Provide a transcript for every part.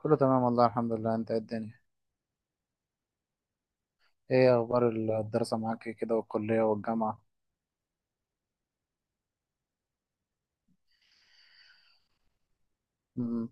كله تمام والله الحمد لله. انت ايه الدنيا؟ ايه اخبار الدراسة معاك كده والكلية والجامعة؟ مم.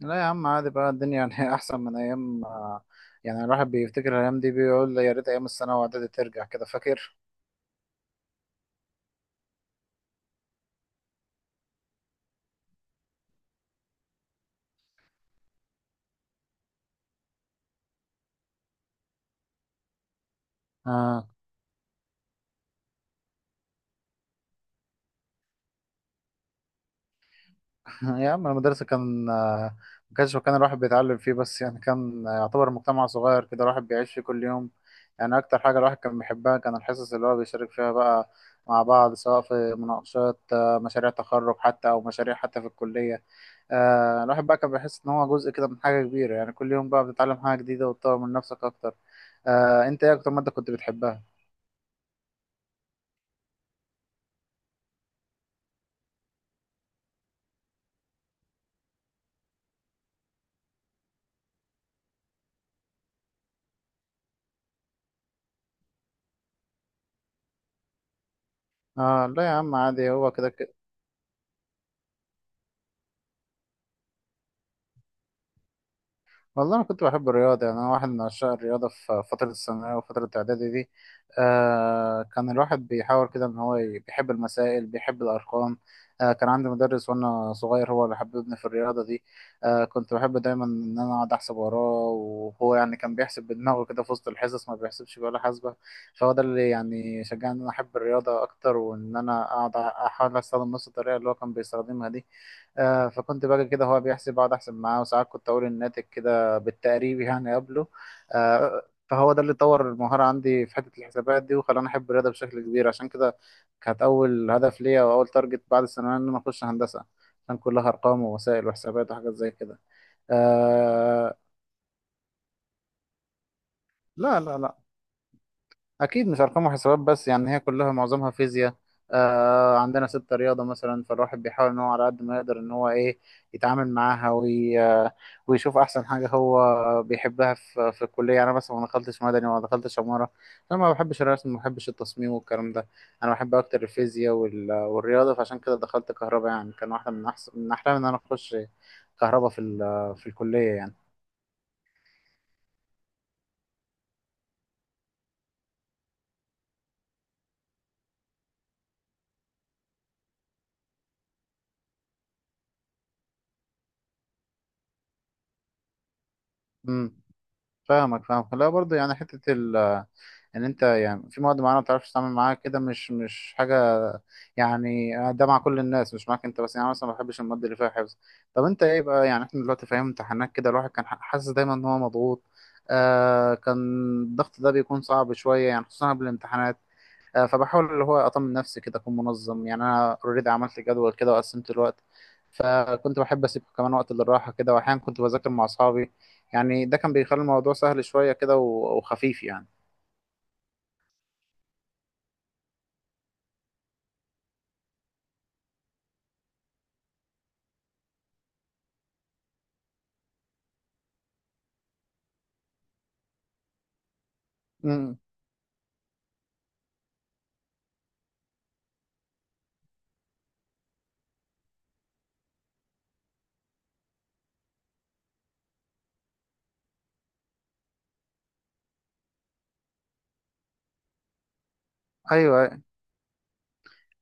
لا يا عم عادي بقى الدنيا يعني احسن من ايام. يعني الواحد بيفتكر الايام دي بيقول يا ريت ايام الثانوي واعدادي ترجع كده فاكر آه. يا عم المدرسة كان. ما كانش مكان الواحد بيتعلم فيه بس يعني كان. يعتبر مجتمع صغير كده الواحد بيعيش فيه كل يوم. يعني أكتر حاجة الواحد كان بيحبها كان الحصص اللي هو بيشارك فيها بقى مع بعض، سواء في مناقشات، مشاريع تخرج حتى أو مشاريع حتى في الكلية. الواحد بقى كان بيحس إن هو جزء كده من حاجة كبيرة، يعني كل يوم بقى بتتعلم حاجة جديدة وتطور من نفسك أكتر. أنت إيه أكتر مادة كنت بتحبها؟ لا يا عم عادي هو كده. والله أنا كنت بحب الرياضة، يعني أنا واحد من عشاق الرياضة في فترة الثانوية وفترة الإعدادي دي. كان الواحد بيحاول كده إن هو بيحب المسائل بيحب الأرقام. كان عندي مدرس وأنا صغير هو اللي حببني في الرياضة دي. كنت بحب دايما إن أنا أقعد أحسب وراه، وهو يعني كان بيحسب بدماغه كده في وسط الحصص ما بيحسبش بولا حاسبة. فهو ده اللي يعني شجعني إن أنا أحب الرياضة أكتر، وإن أنا أقعد أحاول أستخدم نفس الطريقة اللي هو كان بيستخدمها دي. فكنت باجي كده هو بيحسب اقعد احسب معاه، وساعات كنت اقول الناتج كده بالتقريب يعني قبله آه، فهو ده اللي طور المهارة عندي في حتة الحسابات دي وخلاني أحب الرياضة بشكل كبير. عشان كده كانت أول هدف ليا وأول تارجت بعد الثانوية إن أنا أخش هندسة، عشان كلها أرقام ووسائل وحسابات وحاجات زي كده. آه، لا لا لا، أكيد مش أرقام وحسابات بس، يعني هي كلها معظمها فيزياء. عندنا ستة رياضة مثلا، فالواحد بيحاول إن هو على قد ما يقدر إن هو إيه يتعامل معاها وي آه، ويشوف أحسن حاجة هو بيحبها في الكلية. يعني أنا مثلا ما دخلتش مدني وما دخلتش عمارة، أنا ما بحبش الرسم ما بحبش التصميم والكلام ده. أنا بحب أكتر الفيزياء والرياضة، فعشان كده دخلت كهرباء. يعني كان واحدة من أحسن من أحلامي إن أنا أخش كهرباء في الكلية يعني. امم فاهمك فاهمك، لا برضه يعني حتة ان انت يعني في مواد معينه ما بتعرفش تتعامل معاها كده مش حاجه. يعني ده مع كل الناس مش معاك انت بس، يعني أنا مثلا ما بحبش المواد اللي فيها حفظ. طب انت ايه بقى؟ يعني احنا دلوقتي في ايام امتحانات كده الواحد كان حاسس دايما ان هو مضغوط. كان الضغط ده بيكون صعب شويه، يعني خصوصا قبل الامتحانات. فبحاول اللي هو اطمن نفسي كده اكون منظم، يعني انا اوريدي عملت جدول كده وقسمت الوقت. فكنت بحب اسيب كمان وقت للراحه كده، واحيانا كنت بذاكر مع اصحابي. يعني ده كان بيخلي الموضوع سهل شويه كده و- وخفيف يعني. ايوه، أيوة.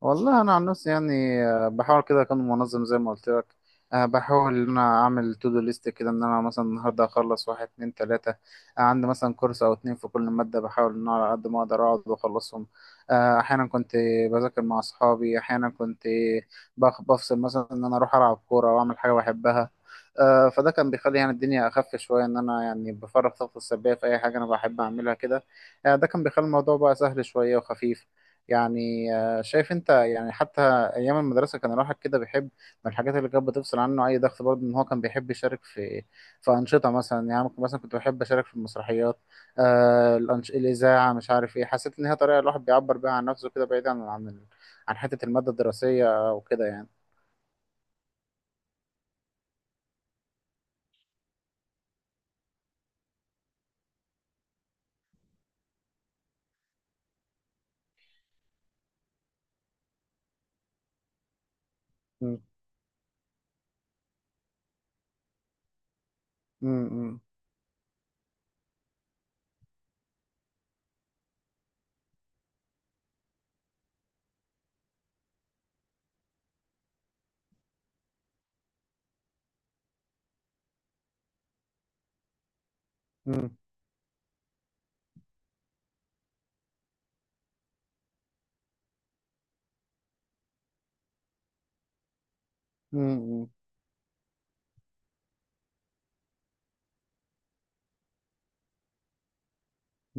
والله انا عن نفسي يعني بحاول كده اكون منظم زي ما قلت لك. بحاول ان انا اعمل تو دو ليست كده، ان انا مثلا النهارده اخلص واحد اتنين تلاته. عندي مثلا كورس او اتنين في كل ماده، بحاول ان انا على قد ما اقدر اقعد واخلصهم. احيانا كنت بذاكر مع اصحابي، احيانا كنت بفصل مثلا ان انا اروح العب كوره واعمل حاجه بحبها. فده كان بيخلي يعني الدنيا اخف شويه، ان انا يعني بفرغ طاقتي السلبيه في اي حاجه انا بحب اعملها كده. ده كان بيخلي الموضوع بقى سهل شويه وخفيف يعني. شايف انت يعني حتى ايام المدرسه، كان الواحد كده بيحب. من الحاجات اللي كانت بتفصل عنه اي ضغط برضه ان هو كان بيحب يشارك في انشطه مثلا، يعني ممكن مثلا كنت بحب اشارك في المسرحيات. الاذاعه مش عارف ايه، حسيت ان هي طريقه الواحد بيعبر بيها عن نفسه كده بعيدا عن عن حته الماده الدراسيه وكده يعني. م- م- م- م- م- م.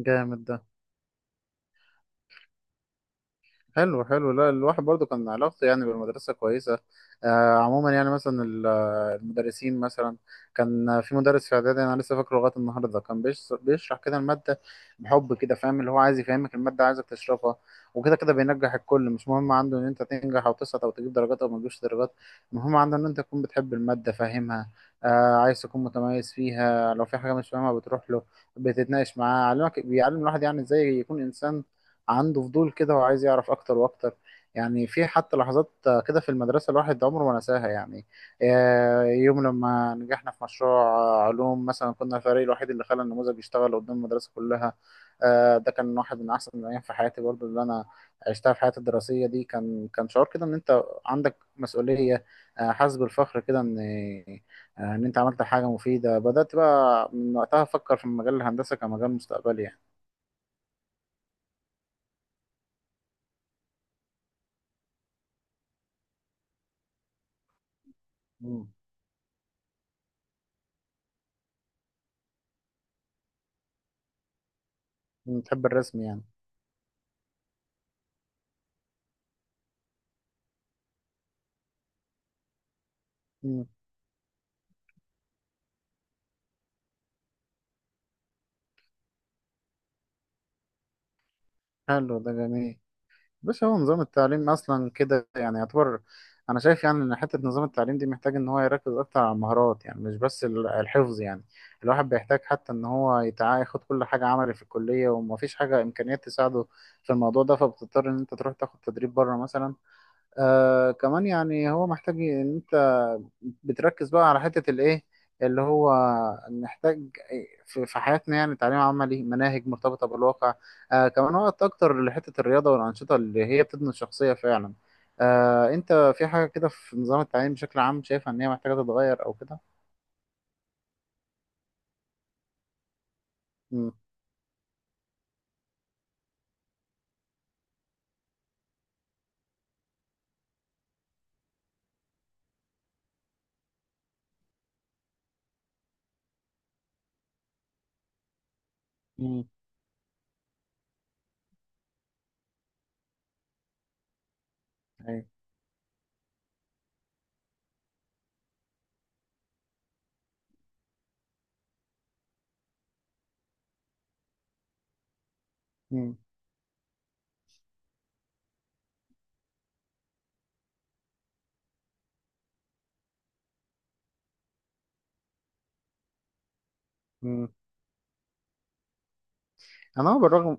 جامد ده. حلو حلو، لا الواحد برضو كان علاقته يعني بالمدرسة كويسة. آه عموما يعني مثلا المدرسين مثلا كان في مدرس في إعدادي أنا لسه فاكره لغاية النهاردة، كان بيشرح كده المادة. بحب كده فاهم اللي هو عايز يفهمك المادة عايزك تشرحها، وكده كده بينجح الكل. مش مهم عنده إن أنت تنجح أو تسقط أو تجيب درجات أو ما تجيبش درجات، المهم عنده إن أنت تكون بتحب المادة فاهمها. آه عايز تكون متميز فيها، لو في حاجة مش فاهمها بتروح له بتتناقش معاه، علمك بيعلم الواحد يعني إزاي يكون إنسان عنده فضول كده وعايز يعرف اكتر واكتر. يعني في حتى لحظات كده في المدرسة الواحد عمره ما نساها يعني. يوم لما نجحنا في مشروع علوم مثلا، كنا الفريق الوحيد اللي خلى النموذج يشتغل قدام المدرسة كلها. ده كان واحد من احسن الايام في حياتي برضو، اللي انا عشتها في حياتي الدراسية دي. كان كان شعور كده ان انت عندك مسؤولية، حاسس بالفخر كده ان انت عملت حاجة مفيدة. بدأت بقى من وقتها افكر في مجال الهندسة كمجال مستقبلي يعني. مم. بتحب الرسم يعني؟ مم. حلو ده جميل. بس هو نظام التعليم اصلا كده يعني يعتبر، انا شايف يعني ان حته نظام التعليم دي محتاج ان هو يركز اكتر على المهارات، يعني مش بس الحفظ يعني. الواحد بيحتاج حتى ان هو ياخد كل حاجه عملي في الكليه، ومفيش حاجه امكانيات تساعده في الموضوع ده، فبتضطر ان انت تروح تاخد تدريب بره مثلا. كمان يعني هو محتاج ان انت بتركز بقى على حتة الايه اللي هو محتاج في في حياتنا، يعني تعليم عملي مناهج مرتبطة بالواقع. كمان وقت اكتر لحتة الرياضة والأنشطة اللي هي بتبني الشخصية فعلا. انت في حاجة كده في نظام التعليم بشكل عام شايفها ان هي محتاجة تتغير او كده؟ امم مم. ايوه. مم. مم. انا هو بالرغم،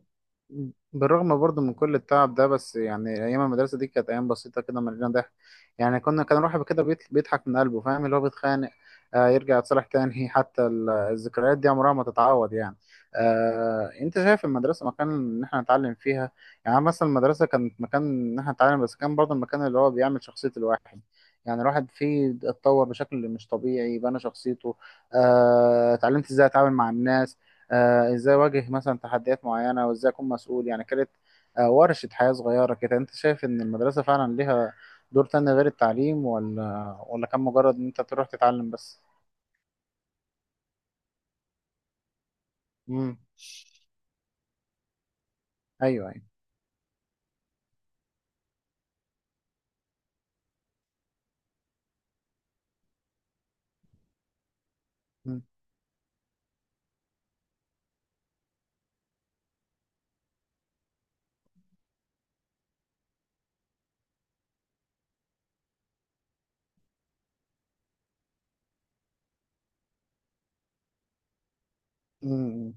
بالرغم برضه من كل التعب ده، بس يعني ايام المدرسه دي كانت ايام بسيطه كده مليانه ضحك. يعني كنا كان الواحد كده بيضحك من قلبه، فاهم اللي هو بيتخانق، يرجع يتصالح تاني. حتى الذكريات دي عمرها ما تتعوض يعني. انت شايف المدرسه مكان ان احنا نتعلم فيها؟ يعني مثلا المدرسه كانت مكان ان احنا نتعلم، بس كان برضه المكان اللي هو بيعمل شخصيه الواحد. يعني الواحد فيه اتطور بشكل مش طبيعي، بنى شخصيته. اتعلمت ازاي اتعامل مع الناس، ازاي اواجه مثلا تحديات معينه وازاي اكون مسؤول يعني. كانت ورشه حياه صغيره كده. انت شايف ان المدرسه فعلا ليها دور تاني غير التعليم ولا كان مجرد ان انت تروح تتعلم بس؟ مم. ايوه ايوه. مم. مم.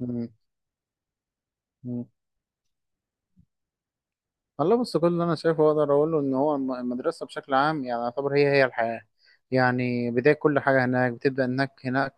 مم. مم. والله بص، كل اللي انا شايفه اقدر اقول له ان هو المدرسه بشكل عام يعني يعتبر هي هي الحياه. يعني بدايه كل حاجه هناك، بتبدا انك هناك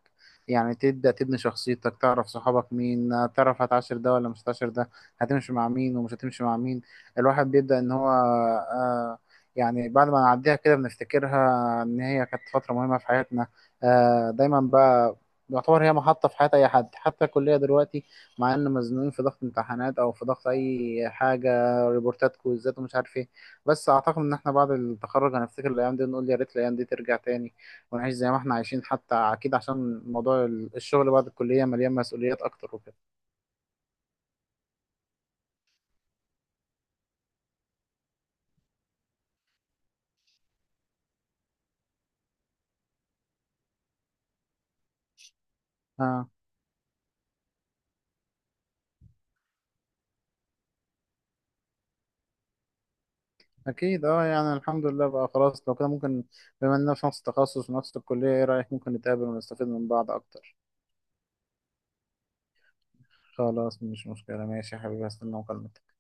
يعني تبدا تبني شخصيتك، تعرف صحابك مين، تعرف هتعاشر ده ولا مش هتعاشر ده، هتمشي مع مين ومش هتمشي مع مين. الواحد بيبدا ان هو يعني بعد ما نعديها كده بنفتكرها ان هي كانت فتره مهمه في حياتنا. دايما بقى يعتبر هي محطة في حياة أي حد. حتى الكلية دلوقتي، مع إن مزنوقين في ضغط امتحانات أو في ضغط أي حاجة، ريبورتات كويزات ومش عارف ايه، بس اعتقد ان احنا بعد التخرج هنفتكر الايام دي ونقول يا ريت الايام دي ترجع تاني، ونعيش زي ما احنا عايشين حتى. اكيد عشان موضوع الشغل بعد الكلية مليان مسؤوليات اكتر وكده. اه اكيد، يعني الحمد لله بقى خلاص. لو كده ممكن، بما اننا في نفس التخصص ونفس الكلية، ايه رأيك ممكن نتقابل ونستفيد من بعض اكتر؟ خلاص مش مشكلة، ماشي يا حبيبي، هستنى مكالمتك.